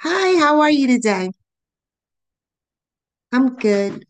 Hi, how are you today? I'm good.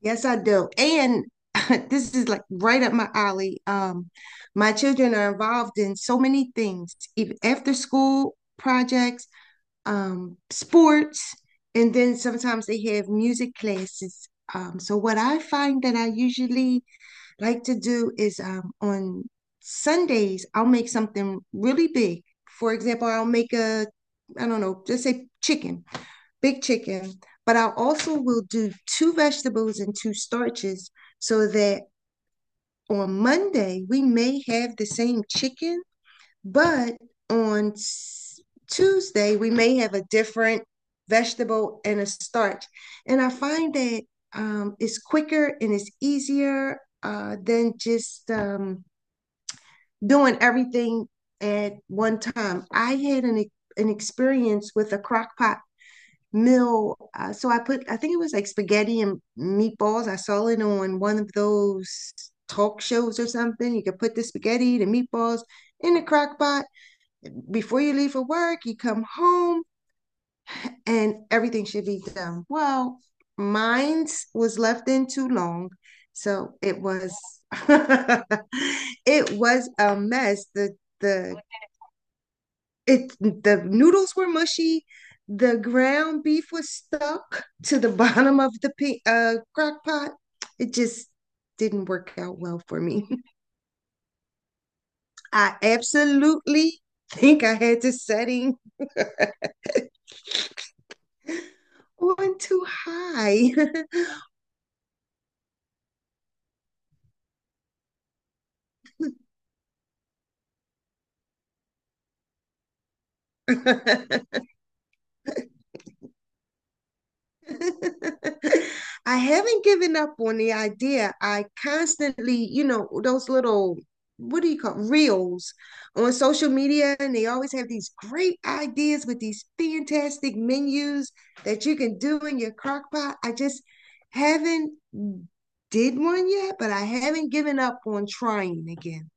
Yes, I do. And this is like right up my alley. My children are involved in so many things, even after school projects, sports, and then sometimes they have music classes. So what I find that I usually like to do is on Sundays, I'll make something really big. For example, I don't know, just say chicken. Big chicken, but I also will do two vegetables and two starches so that on Monday we may have the same chicken, but on Tuesday we may have a different vegetable and a starch. And I find that it's quicker and it's easier than just doing everything at one time. I had an experience with a crock pot meal. So I put, I think it was like spaghetti and meatballs. I saw it on one of those talk shows or something. You could put the spaghetti, the meatballs in the crock pot. Before you leave for work, you come home and everything should be done. Well, mine's was left in too long. So it was, it was a mess. The it the noodles were mushy, the ground beef was stuck to the bottom of the crock pot. It just didn't work out well for me. I absolutely think I had the setting on too high. I haven't given up on the idea. I constantly, you know, those what do you call it, reels on social media, and they always have these great ideas with these fantastic menus that you can do in your crock pot. I just haven't did one yet, but I haven't given up on trying again.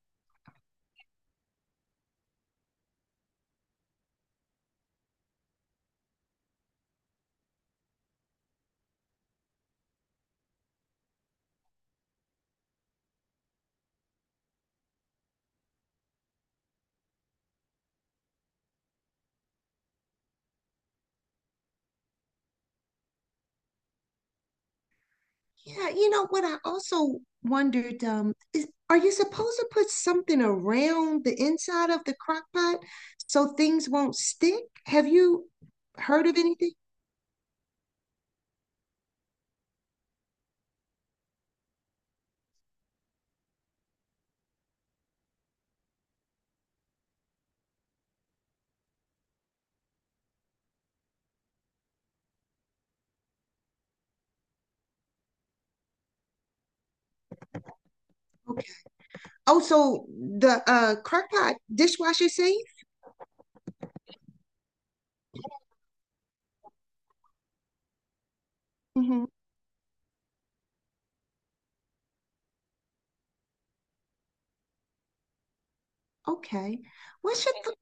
Yeah, you know what I also wondered is are you supposed to put something around the inside of the crock pot so things won't stick? Have you heard of anything? Oh, so the crock pot dishwasher safe? Hmm. Okay. What's your th-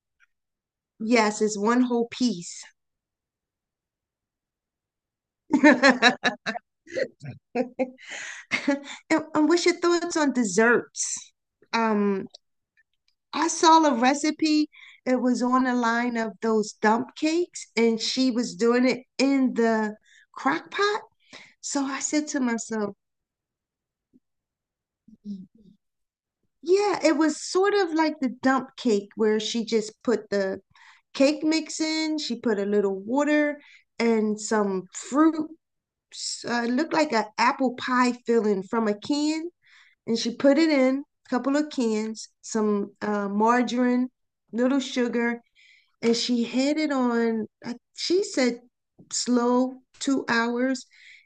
yes, it's one whole piece. And what's your thoughts on desserts? Um, I saw a recipe. It was on the line of those dump cakes, and she was doing it in the crock pot. So I said to myself, yeah, it was sort of like the dump cake where she just put the cake mix in, she put a little water and some fruit. It looked like an apple pie filling from a can, and she put it in, a couple of cans, some margarine, little sugar, and she had it on, she said slow 2 hours.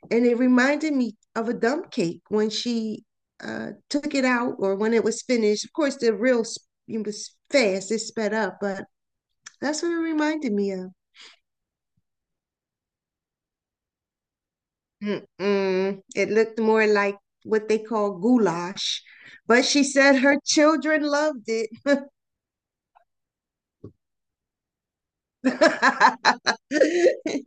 And it reminded me of a dump cake when she took it out or when it was finished. Of course, the real it was fast, it sped up, but that's what it reminded me of. Mm-mm. It looked more like what they call goulash, but she said her children loved it.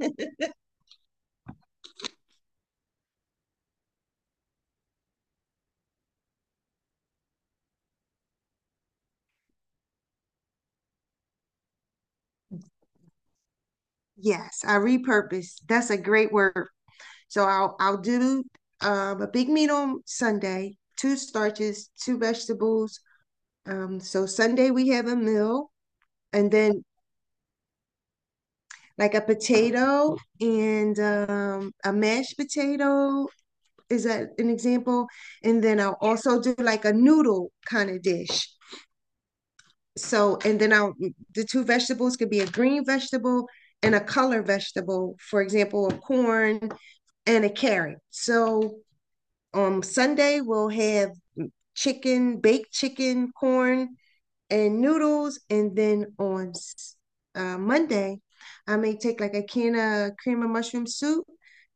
Yes, I repurposed. That's a great word. So I'll do a big meal on Sunday, two starches, two vegetables. So Sunday we have a meal, and then like a potato and a mashed potato, is that an example? And then I'll also do like a noodle kind of dish. So and then I'll the two vegetables could be a green vegetable and a color vegetable, for example, a corn and a carrot. So on Sunday we'll have chicken, baked chicken, corn, and noodles. And then on Monday, I may take like a can of cream of mushroom soup,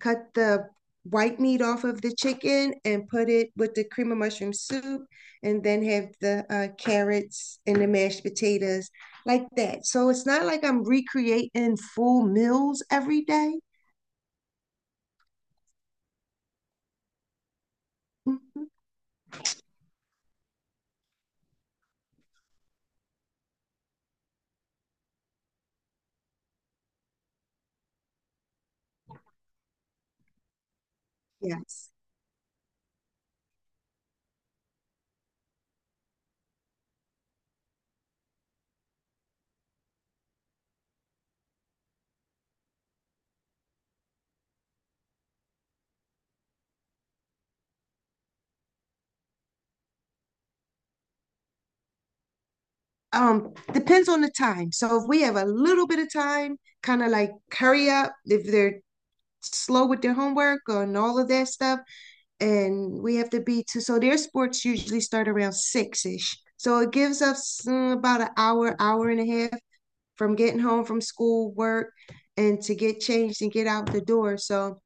cut the white meat off of the chicken, and put it with the cream of mushroom soup, and then have the carrots and the mashed potatoes like that. So it's not like I'm recreating full meals every day. Mhm. Yes. Um, depends on the time, so if we have a little bit of time, kind of like hurry up if they're slow with their homework and all of that stuff, and we have to be to, so their sports usually start around six-ish, so it gives us about an hour and a half from getting home from school work and to get changed and get out the door. So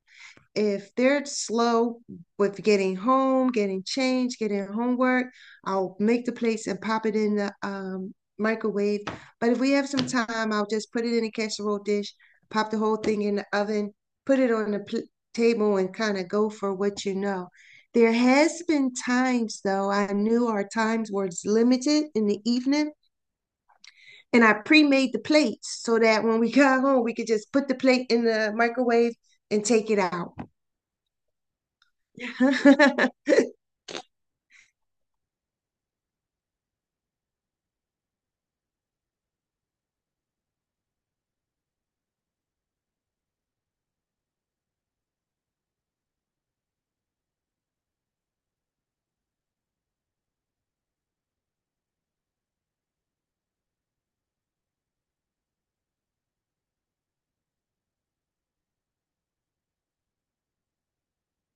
if they're slow with getting home, getting changed, getting homework, I'll make the plates and pop it in the microwave. But if we have some time, I'll just put it in a casserole dish, pop the whole thing in the oven, put it on the table, and kind of go for what you know. There has been times though I knew our times were limited in the evening, and I pre-made the plates so that when we got home, we could just put the plate in the microwave and take it out.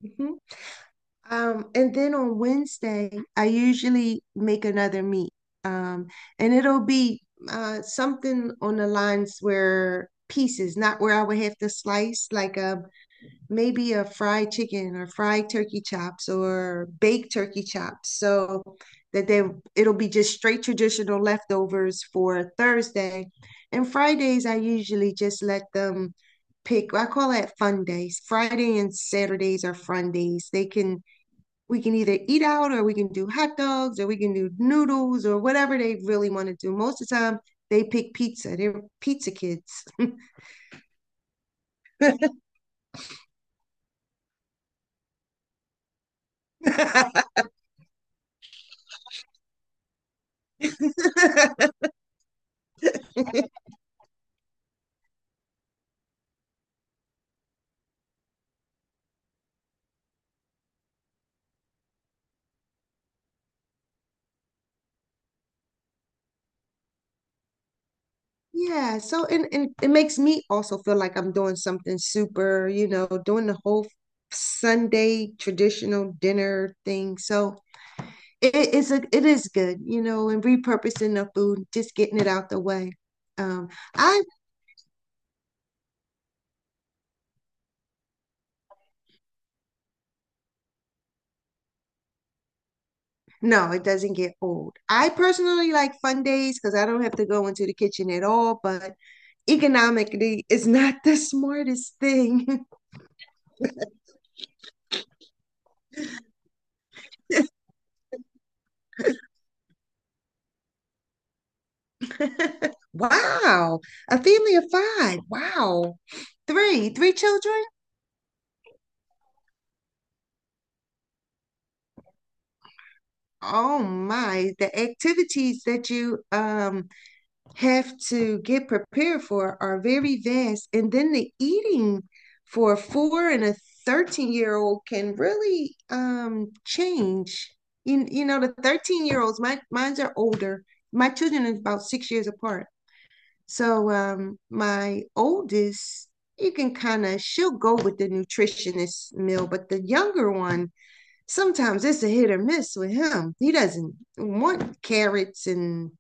Mhm. And then on Wednesday, I usually make another meat. Um, and it'll be something on the lines where pieces, not where I would have to slice, like a maybe a fried chicken or fried turkey chops or baked turkey chops so that they it'll be just straight traditional leftovers for Thursday. And Fridays I usually just let them pick. I call that fun days. Friday and Saturdays are fun days. They can, we can either eat out or we can do hot dogs or we can do noodles or whatever they really want to do. Most of the time they pick pizza. They're pizza kids. Yeah, so and it makes me also feel like I'm doing something super, you know, doing the whole Sunday traditional dinner thing. So it is a it is good, you know, and repurposing the food, just getting it out the way. Um, I no, it doesn't get old. I personally like fun days because I don't have to go into the kitchen at all, but economically, it's not the smartest thing. Wow. A family of 5. Wow. Three children? Oh my. The activities that you have to get prepared for are very vast. And then the eating for a four and a 13-year-old can really change. You know, the 13-year-olds, my mine's are older. My children are about 6 years apart. So my oldest, you can kind of she'll go with the nutritionist meal, but the younger one, sometimes it's a hit or miss with him. He doesn't want carrots and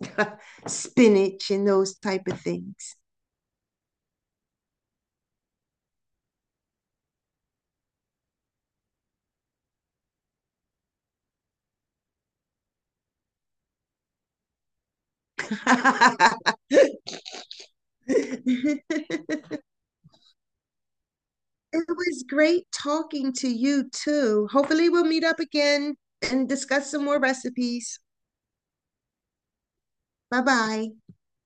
spinach and those type of things. It was great talking to you too. Hopefully we'll meet up again and discuss some more recipes. Bye bye.